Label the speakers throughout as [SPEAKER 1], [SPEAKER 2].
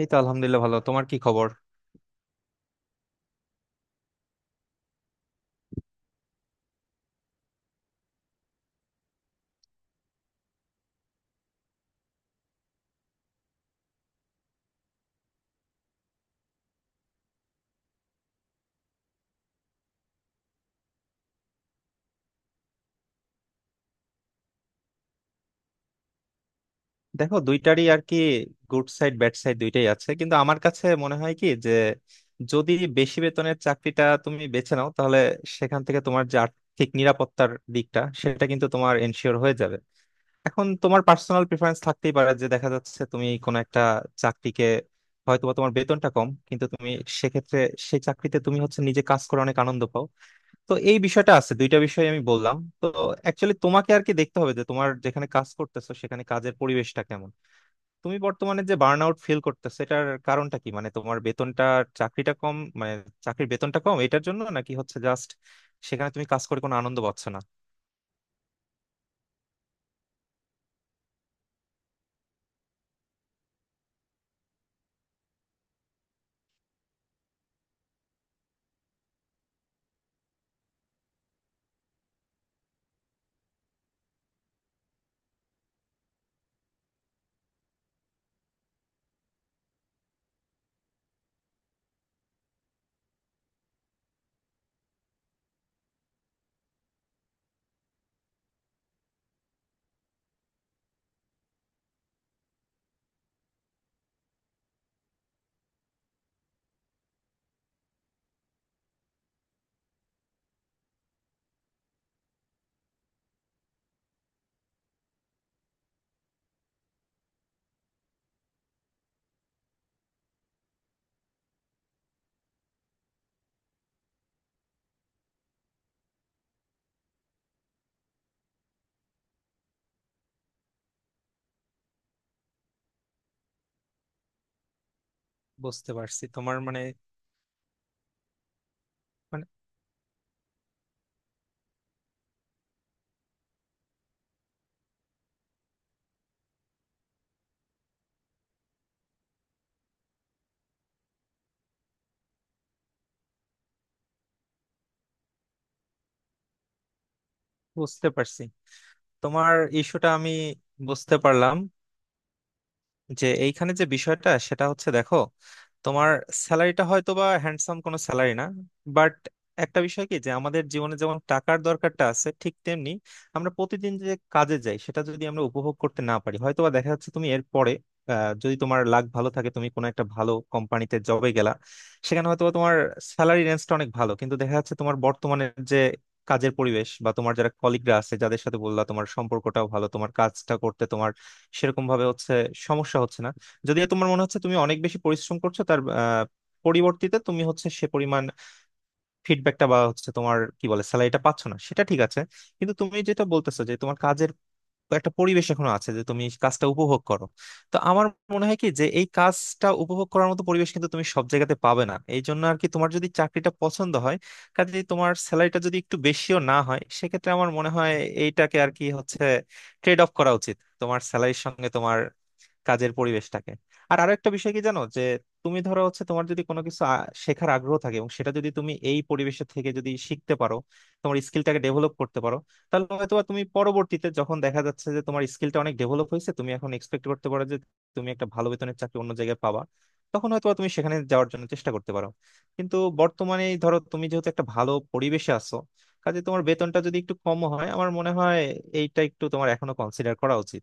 [SPEAKER 1] এই তো আলহামদুলিল্লাহ, ভালো। তোমার কি খবর? দেখো, দুইটারই আর কি গুড সাইড ব্যাড সাইড দুইটাই আছে, কিন্তু আমার কাছে মনে হয় কি যে যদি বেশি বেতনের চাকরিটা তুমি বেছে নাও, তাহলে সেখান থেকে তোমার যে আর্থিক নিরাপত্তার দিকটা সেটা কিন্তু তোমার এনশিওর হয়ে যাবে। এখন তোমার পার্সোনাল প্রিফারেন্স থাকতেই পারে যে দেখা যাচ্ছে তুমি কোনো একটা চাকরিকে হয়তোবা তোমার বেতনটা কম, কিন্তু তুমি সেক্ষেত্রে সেই চাকরিতে তুমি হচ্ছে নিজে কাজ করে অনেক আনন্দ পাও। তো এই বিষয়টা আছে, দুইটা বিষয় আমি বললাম তো। অ্যাকচুয়ালি তোমাকে আর কি দেখতে হবে যে তোমার যেখানে কাজ করতেছো সেখানে কাজের পরিবেশটা কেমন। তুমি বর্তমানে যে বার্ন আউট ফিল করতেছো এটার কারণটা কি, মানে তোমার বেতনটা চাকরিটা কম, মানে চাকরির বেতনটা কম এটার জন্য, নাকি হচ্ছে জাস্ট সেখানে তুমি কাজ করে কোনো আনন্দ পাচ্ছ না। বুঝতে পারছি তোমার মানে মানে বুঝতে পারছি, তোমার ইস্যুটা আমি বুঝতে পারলাম। যে এইখানে যে বিষয়টা সেটা হচ্ছে, দেখো তোমার স্যালারিটা হয়তো বা হ্যান্ডসাম কোনো স্যালারি না, বাট একটা বিষয় কি যে আমাদের জীবনে যেমন টাকার দরকারটা আছে, ঠিক তেমনি আমরা প্রতিদিন যে কাজে যাই সেটা যদি আমরা উপভোগ করতে না পারি, হয়তো বা দেখা যাচ্ছে তুমি এর পরে যদি তোমার লাক ভালো থাকে তুমি কোনো একটা ভালো কোম্পানিতে জবে গেলা, সেখানে হয়তোবা তোমার স্যালারি রেঞ্জটা অনেক ভালো, কিন্তু দেখা যাচ্ছে তোমার বর্তমানে যে কাজের পরিবেশ বা তোমার যারা কলিগরা আছে যাদের সাথে বললা তোমার সম্পর্কটাও ভালো, তোমার কাজটা করতে তোমার সেরকম ভাবে হচ্ছে সমস্যা হচ্ছে না। যদিও তোমার মনে হচ্ছে তুমি অনেক বেশি পরিশ্রম করছো, তার পরিবর্তিতে তুমি হচ্ছে সে পরিমাণ ফিডব্যাকটা বা হচ্ছে তোমার কি বলে স্যালারিটা পাচ্ছ না, সেটা ঠিক আছে। কিন্তু তুমি যেটা বলতেছো যে তোমার কাজের একটা পরিবেশ এখনো আছে যে তুমি কাজটা উপভোগ করো। তো আমার মনে হয় কি যে এই কাজটা উপভোগ করার মতো পরিবেশ কিন্তু তুমি সব জায়গাতে পাবে না, এই জন্য আর কি তোমার যদি চাকরিটা পছন্দ হয় কাজে, তোমার স্যালারিটা যদি একটু বেশিও না হয়, সেক্ষেত্রে আমার মনে হয় এইটাকে আর কি হচ্ছে ট্রেড অফ করা উচিত, তোমার স্যালারির সঙ্গে তোমার কাজের পরিবেশটাকে। আর আরো একটা বিষয় কি জানো, যে তুমি ধরো হচ্ছে তোমার যদি কোনো কিছু শেখার আগ্রহ থাকে এবং সেটা যদি তুমি এই পরিবেশে থেকে যদি শিখতে পারো, তোমার স্কিলটাকে ডেভেলপ করতে পারো, তাহলে হয়তো বা তুমি পরবর্তীতে যখন দেখা যাচ্ছে যে তোমার স্কিলটা অনেক ডেভেলপ হয়েছে, তুমি এখন এক্সপেক্ট করতে পারো যে তুমি একটা ভালো বেতনের চাকরি অন্য জায়গায় পাবা। তখন হয়তো বা তুমি সেখানে যাওয়ার জন্য চেষ্টা করতে পারো। কিন্তু বর্তমানে এই ধরো তুমি যেহেতু একটা ভালো পরিবেশে আছো কাজে, তোমার বেতনটা যদি একটু কম হয় আমার মনে হয় এইটা একটু তোমার এখনো কনসিডার করা উচিত।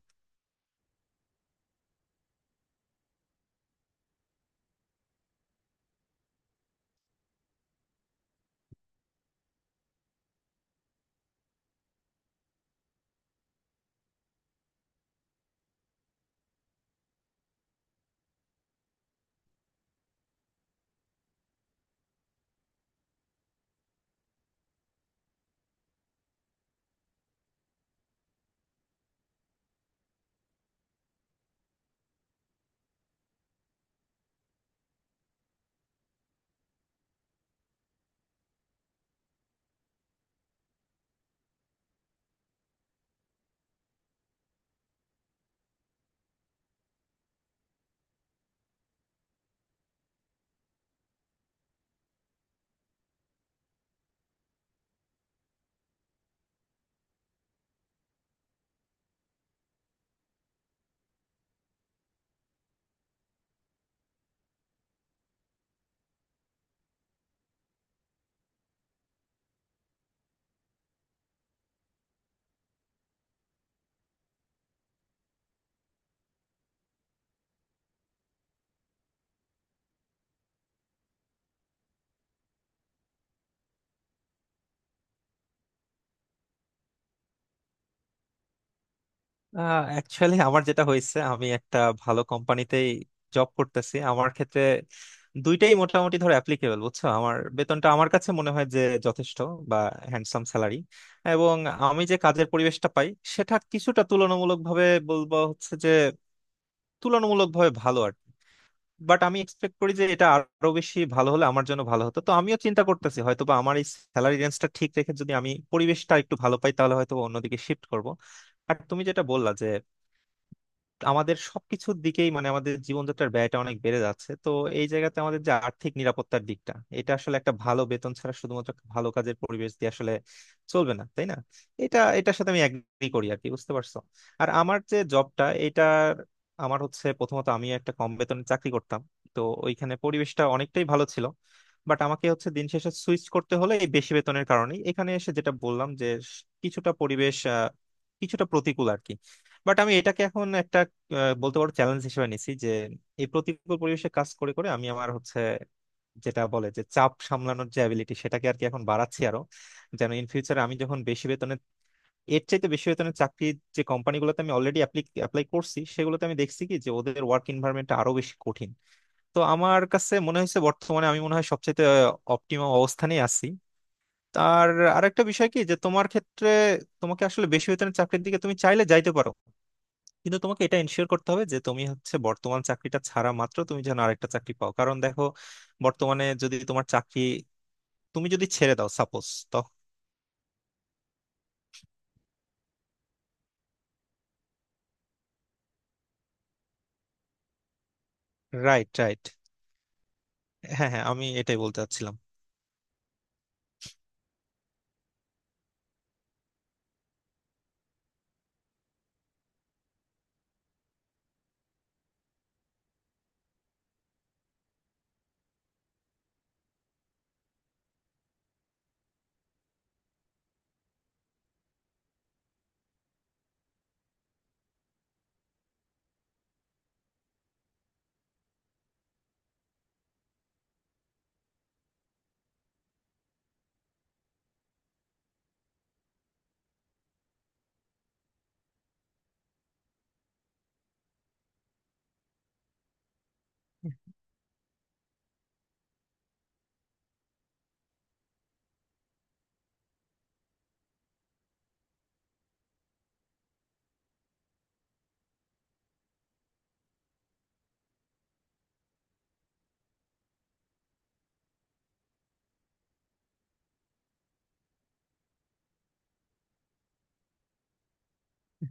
[SPEAKER 1] অ্যাকচুয়ালি আমার যেটা হয়েছে, আমি একটা ভালো কোম্পানিতেই জব করতেছি। আমার ক্ষেত্রে দুইটাই মোটামুটি ধর অ্যাপ্লিকেবল, বুঝছো? আমার বেতনটা আমার কাছে মনে হয় যে যথেষ্ট বা হ্যান্ডসাম স্যালারি, এবং আমি যে কাজের পরিবেশটা পাই সেটা কিছুটা তুলনামূলকভাবে বলবো হচ্ছে যে তুলনামূলকভাবে ভালো আর কি। বাট আমি এক্সপেক্ট করি যে এটা আরো বেশি ভালো হলে আমার জন্য ভালো হতো। তো আমিও চিন্তা করতেছি হয়তোবা আমার এই স্যালারি রেঞ্জটা ঠিক রেখে যদি আমি পরিবেশটা একটু ভালো পাই তাহলে হয়তো অন্যদিকে শিফট করব। আর তুমি যেটা বললা যে আমাদের সবকিছুর দিকেই মানে আমাদের জীবনযাত্রার ব্যয়টা অনেক বেড়ে যাচ্ছে, তো এই জায়গাতে আমাদের যে আর্থিক নিরাপত্তার দিকটা এটা আসলে একটা ভালো বেতন ছাড়া শুধুমাত্র একটা ভালো কাজের পরিবেশ দিয়ে আসলে চলবে না, তাই না? এটা, এটার সাথে আমি এগ্রি করি আর কি, বুঝতে পারছো? আর আমার যে জবটা এটার, আমার হচ্ছে প্রথমত আমি একটা কম বেতনে চাকরি করতাম। তো ওইখানে পরিবেশটা অনেকটাই ভালো ছিল, বাট আমাকে হচ্ছে দিন শেষে সুইচ করতে হলে এই বেশি বেতনের কারণেই এখানে এসে, যেটা বললাম যে কিছুটা পরিবেশ কিছুটা প্রতিকূল আর কি। বাট আমি এটাকে এখন একটা বলতে পারো চ্যালেঞ্জ হিসেবে নিছি, যে এই প্রতিকূল পরিবেশে কাজ করে করে আমি আমার হচ্ছে যেটা বলে যে চাপ সামলানোর যে অ্যাবিলিটি সেটাকে আর কি এখন বাড়াচ্ছি আরো, যেন ইন ফিউচারে আমি যখন বেশি বেতনে এর চাইতে বেশি বেতনের চাকরি, যে কোম্পানিগুলোতে আমি অলরেডি অ্যাপ্লাই করছি সেগুলোতে আমি দেখছি কি যে ওদের ওয়ার্ক এনভায়রনমেন্টটা আরো বেশি কঠিন। তো আমার কাছে মনে হয়েছে বর্তমানে আমি মনে হয় সবচেয়ে অপটিমাম অবস্থানে আছি। তার আরেকটা বিষয় কি যে তোমার ক্ষেত্রে তোমাকে আসলে বেশি বেতনের চাকরির দিকে তুমি চাইলে যাইতে পারো, কিন্তু তোমাকে এটা এনশিওর করতে হবে যে তুমি হচ্ছে বর্তমান চাকরিটা ছাড়া মাত্র তুমি যেন আরেকটা চাকরি পাও, কারণ দেখো বর্তমানে যদি তোমার চাকরি তুমি যদি ছেড়ে দাও সাপোজ তো। Right, right. হ্যাঁ হ্যাঁ আমি এটাই বলতে চাচ্ছিলাম।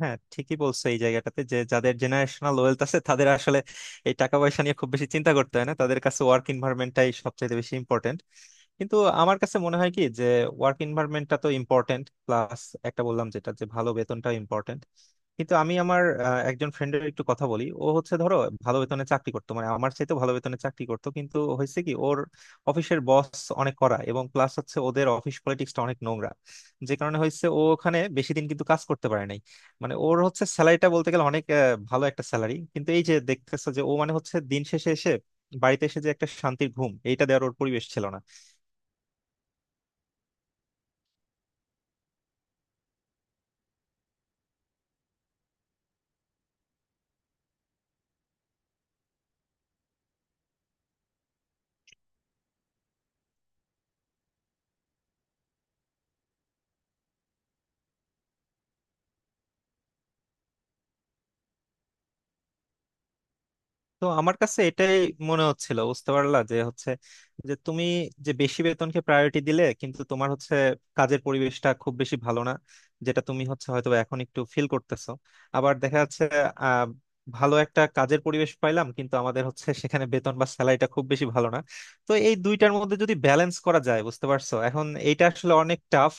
[SPEAKER 1] হ্যাঁ, ঠিকই বলছো। এই জায়গাটাতে যে যাদের জেনারেশনাল ওয়েলথ আছে তাদের আসলে এই টাকা পয়সা নিয়ে খুব বেশি চিন্তা করতে হয় না, তাদের কাছে ওয়ার্ক এনভায়রনমেন্টটাই সবচেয়ে বেশি ইম্পর্টেন্ট। কিন্তু আমার কাছে মনে হয় কি যে ওয়ার্ক এনভায়রনমেন্টটা তো ইম্পর্টেন্ট প্লাস একটা বললাম যেটা যে ভালো বেতনটা ইম্পর্টেন্ট। কিন্তু আমি আমার একজন ফ্রেন্ডের একটু কথা বলি, ও হচ্ছে ধরো ভালো বেতনে চাকরি করতো, মানে আমার চাইতে ভালো বেতনে চাকরি করতো, কিন্তু হয়েছে কি ওর অফিসের বস অনেক কড়া এবং প্লাস হচ্ছে ওদের অফিস পলিটিক্সটা অনেক নোংরা, যে কারণে হয়েছে ও ওখানে বেশি দিন কিন্তু কাজ করতে পারে না। মানে ওর হচ্ছে স্যালারিটা বলতে গেলে অনেক ভালো একটা স্যালারি, কিন্তু এই যে দেখতেছো যে ও মানে হচ্ছে দিন শেষে এসে বাড়িতে এসে যে একটা শান্তির ঘুম এইটা দেওয়ার ওর পরিবেশ ছিল না। তো আমার কাছে এটাই মনে হচ্ছিল, বুঝতে পারলা? যে হচ্ছে যে তুমি যে বেশি বেতনকে প্রায়োরিটি দিলে কিন্তু তোমার হচ্ছে কাজের পরিবেশটা খুব বেশি ভালো না, যেটা তুমি হচ্ছে হয়তো এখন একটু ফিল করতেছো। আবার দেখা যাচ্ছে আহ, ভালো একটা কাজের পরিবেশ পাইলাম কিন্তু আমাদের হচ্ছে সেখানে বেতন বা স্যালারিটা খুব বেশি ভালো না। তো এই দুইটার মধ্যে যদি ব্যালেন্স করা যায় বুঝতে পারছো, এখন এইটা আসলে অনেক টাফ।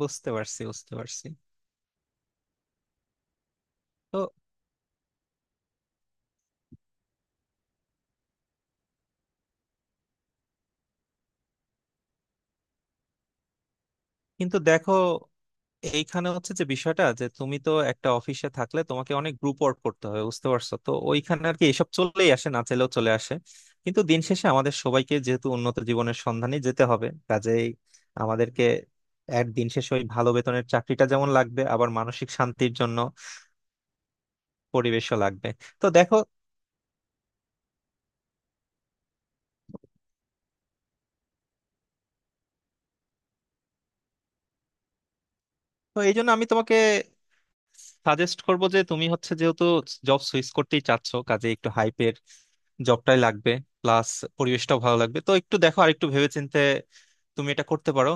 [SPEAKER 1] বুঝতে পারছি, বুঝতে পারছি. তো কিন্তু দেখো এইখানে হচ্ছে যে বিষয়টা যে তুমি তো একটা অফিসে থাকলে তোমাকে অনেক গ্রুপ ওয়ার্ক করতে হয় বুঝতে পারছো, তো ওইখানে আর কি এসব চলেই আসে, না চাইলেও চলে আসে। কিন্তু দিন শেষে আমাদের সবাইকে যেহেতু উন্নত জীবনের সন্ধানে যেতে হবে, কাজেই আমাদেরকে এক দিন শেষে ওই ভালো বেতনের চাকরিটা যেমন লাগবে, আবার মানসিক শান্তির জন্য পরিবেশও লাগবে। তো দেখো, তো এই জন্য আমি তোমাকে সাজেস্ট করব যে তুমি হচ্ছে যেহেতু জব সুইচ করতেই চাচ্ছ কাজে একটু হাইপের জবটাই লাগবে, প্লাস পরিবেশটাও ভালো লাগবে। তো একটু দেখো আর একটু ভেবেচিন্তে তুমি এটা করতে পারো।